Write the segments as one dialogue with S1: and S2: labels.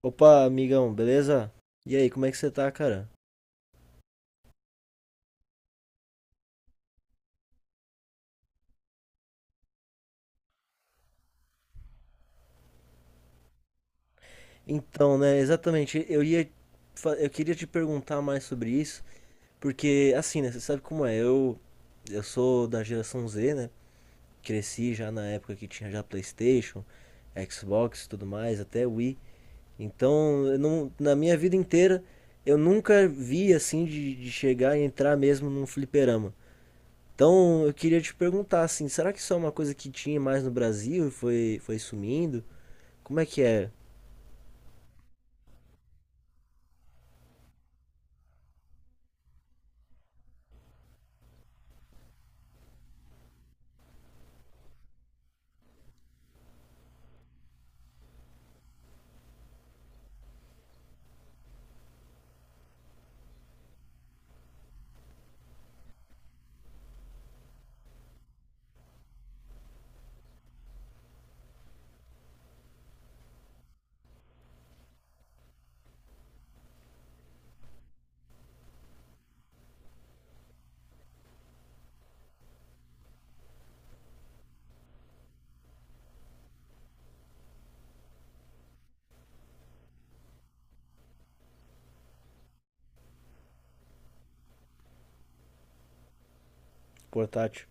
S1: Opa, amigão, beleza? E aí, como é que você tá, cara? Então, né, exatamente, eu queria te perguntar mais sobre isso, porque assim, né, você sabe como é? Eu sou da geração Z, né? Cresci já na época que tinha já PlayStation, Xbox, e tudo mais, até Wii. Então, eu não, na minha vida inteira eu nunca vi assim de chegar e entrar mesmo num fliperama. Então, eu queria te perguntar assim, será que isso é uma coisa que tinha mais no Brasil e foi sumindo? Como é que é portátil?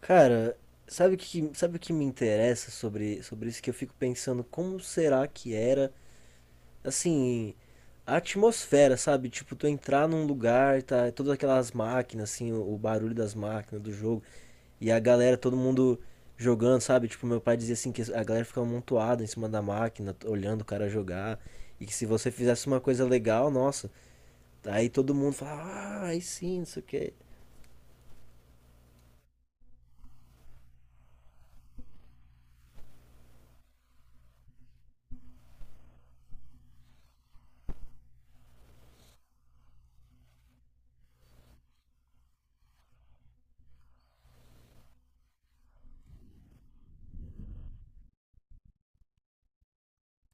S1: Cara, sabe o que me interessa sobre isso? Que eu fico pensando como será que era, assim, a atmosfera, sabe? Tipo, tu entrar num lugar, tá, todas aquelas máquinas, assim, o barulho das máquinas do jogo, e a galera, todo mundo jogando, sabe? Tipo, meu pai dizia assim que a galera ficava amontoada em cima da máquina, olhando o cara jogar, e que se você fizesse uma coisa legal, nossa, aí todo mundo fala, ah, aí sim, não sei o quê.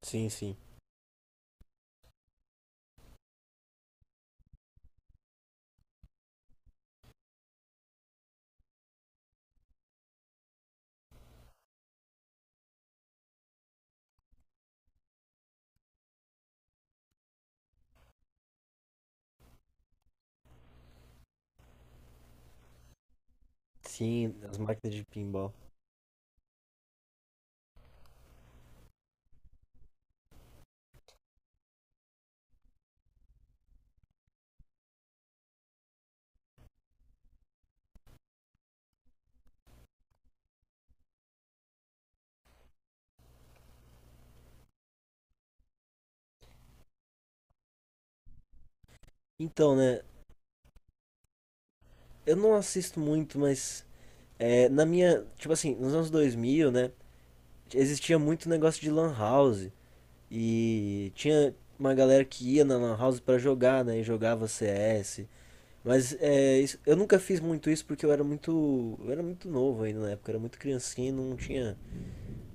S1: Sim, sim. Sim, as máquinas de pinball. Então, né, eu não assisto muito, mas é, na minha, tipo assim, nos anos 2000 né, existia muito negócio de lan house e tinha uma galera que ia na lan house pra jogar, né, e jogava CS. Mas é, isso- eu nunca fiz muito isso porque eu era muito novo ainda na época, eu era muito criancinha e não tinha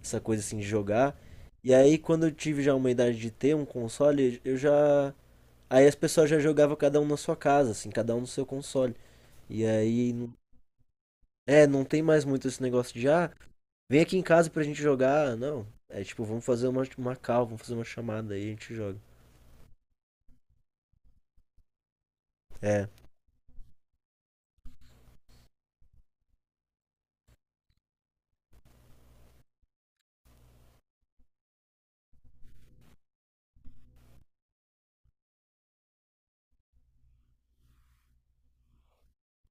S1: essa coisa assim de jogar. E aí quando eu tive já uma idade de ter um console, eu já. Aí as pessoas já jogavam cada um na sua casa, assim, cada um no seu console. E aí, não- é, não tem mais muito esse negócio de, ah, vem aqui em casa pra gente jogar. Não, é tipo, vamos fazer uma call, vamos fazer uma chamada aí a gente joga. É,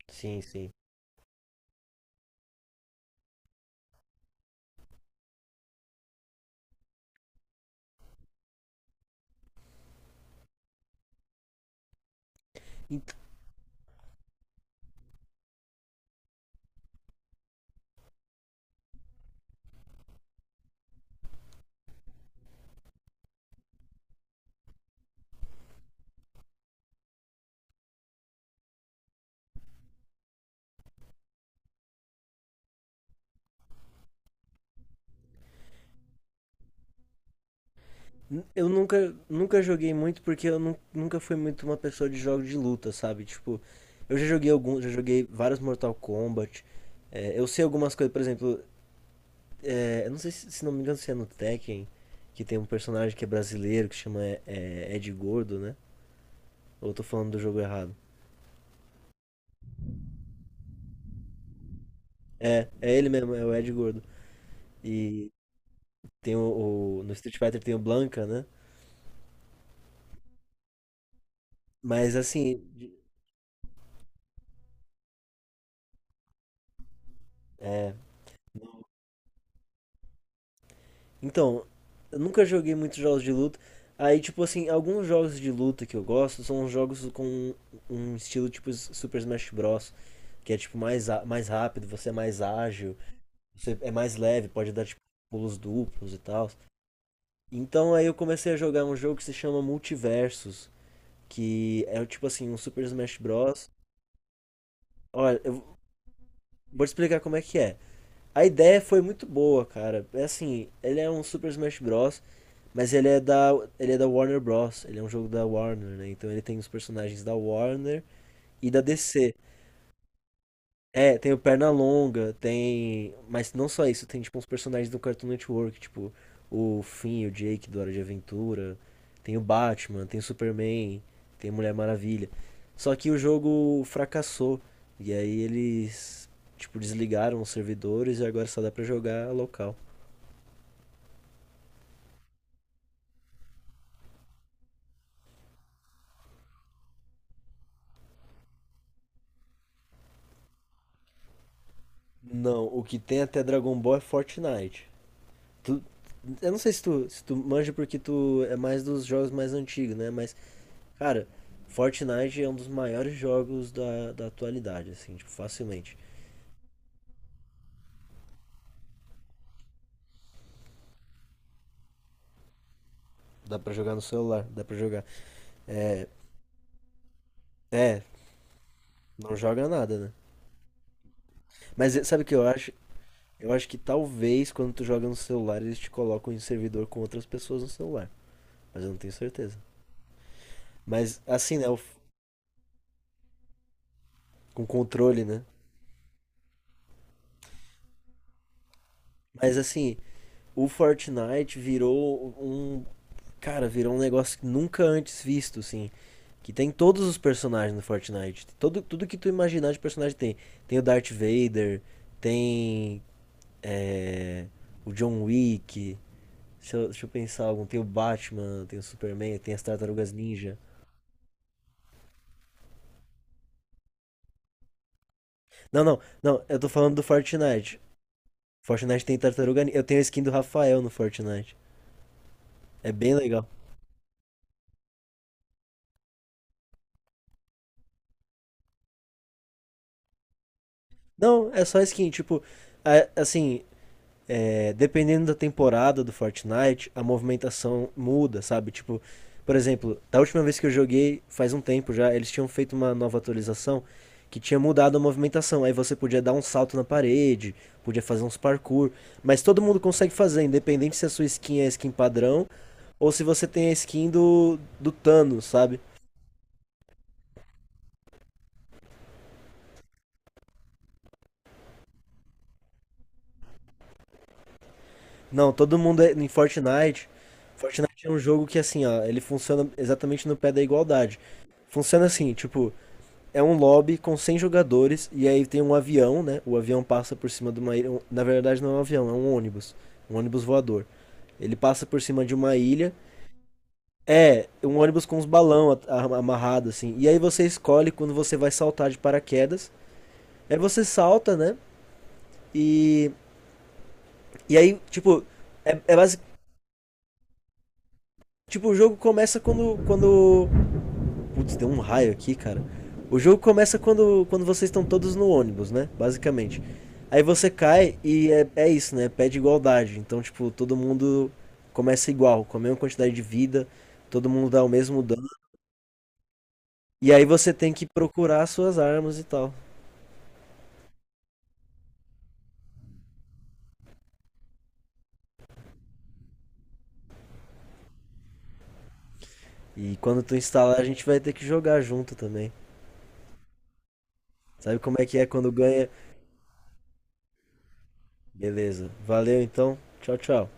S1: sim, sim. Ent- Eu nunca, nunca joguei muito porque nunca fui muito uma pessoa de jogos de luta, sabe? Tipo, eu já joguei alguns, já joguei vários Mortal Kombat. É, eu sei algumas coisas, por exemplo, é, eu não sei se não me engano se é no Tekken, que tem um personagem que é brasileiro, que chama Ed Gordo, né? Ou eu tô falando do jogo errado? É, é ele mesmo, é o Ed Gordo. E tem no Street Fighter tem o Blanca, né? Mas assim. de- É. Então, eu nunca joguei muitos jogos de luta. Aí, tipo assim, alguns jogos de luta que eu gosto são os jogos com um estilo tipo Super Smash Bros. Que é tipo mais, mais rápido, você é mais ágil, você é mais leve, pode dar tipo pulos duplos e tal. Então aí eu comecei a jogar um jogo que se chama Multiversus, que é tipo assim, um Super Smash Bros. Olha, eu, Vou te explicar como é que é. A ideia foi muito boa, cara. É assim, ele é um Super Smash Bros, mas ele é da Warner Bros. Ele é um jogo da Warner, né? Então ele tem os personagens da Warner e da DC. É, tem o Pernalonga, tem. Mas não só isso, tem tipo uns personagens do Cartoon Network, tipo o Finn, o Jake do Hora de Aventura, tem o Batman, tem o Superman, tem a Mulher Maravilha. Só que o jogo fracassou, e aí eles, tipo, desligaram os servidores e agora só dá pra jogar local. Não, o que tem até Dragon Ball é Fortnite. Tu- eu não sei se tu manja porque tu é mais dos jogos mais antigos, né? Mas cara, Fortnite é um dos maiores jogos da atualidade, assim, tipo, facilmente. Dá pra jogar no celular, dá pra jogar. É, é, não joga nada, né? Mas sabe o que eu acho? Eu acho que talvez quando tu joga no celular eles te colocam em servidor com outras pessoas no celular. Mas eu não tenho certeza. Mas assim, né? o f- Com controle, né? Mas assim, o Fortnite virou um. Cara, virou um negócio que nunca antes visto, assim. Que tem todos os personagens no Fortnite. Todo, tudo que tu imaginar de personagem tem. Tem o Darth Vader, tem. é, o John Wick. Deixa eu pensar algum. Tem o Batman, tem o Superman, tem as Tartarugas Ninja. Não, não, não, eu tô falando do Fortnite. Fortnite tem Tartaruga Ninja. Eu tenho a skin do Rafael no Fortnite. É bem legal. Não, é só skin, tipo, a- assim, é, dependendo da temporada do Fortnite, a movimentação muda, sabe? Tipo, por exemplo, da última vez que eu joguei, faz um tempo já, eles tinham feito uma nova atualização que tinha mudado a movimentação. Aí você podia dar um salto na parede, podia fazer uns parkour, mas todo mundo consegue fazer, independente se a sua skin é a skin padrão ou se você tem a skin do Thanos, sabe? Não, todo mundo é, em Fortnite. Fortnite é um jogo que assim, ó, ele funciona exatamente no pé da igualdade. Funciona assim, tipo, é um lobby com 100 jogadores e aí tem um avião, né? O avião passa por cima de uma ilha. Na verdade, não é um avião, é um ônibus. Um ônibus voador. Ele passa por cima de uma ilha. É, um ônibus com uns balão amarrado, assim. E aí você escolhe quando você vai saltar de paraquedas. Aí você salta, né? E, e aí, tipo, é, é basic- tipo, o jogo começa quando. Putz, deu um raio aqui, cara. O jogo começa quando vocês estão todos no ônibus, né? Basicamente. Aí você cai e é isso, né? Pede igualdade. Então, tipo, todo mundo começa igual, com a mesma quantidade de vida, todo mundo dá o mesmo dano. E aí você tem que procurar as suas armas e tal. E quando tu instalar, a gente vai ter que jogar junto também. Sabe como é que é quando ganha? Beleza. Valeu então. Tchau, tchau.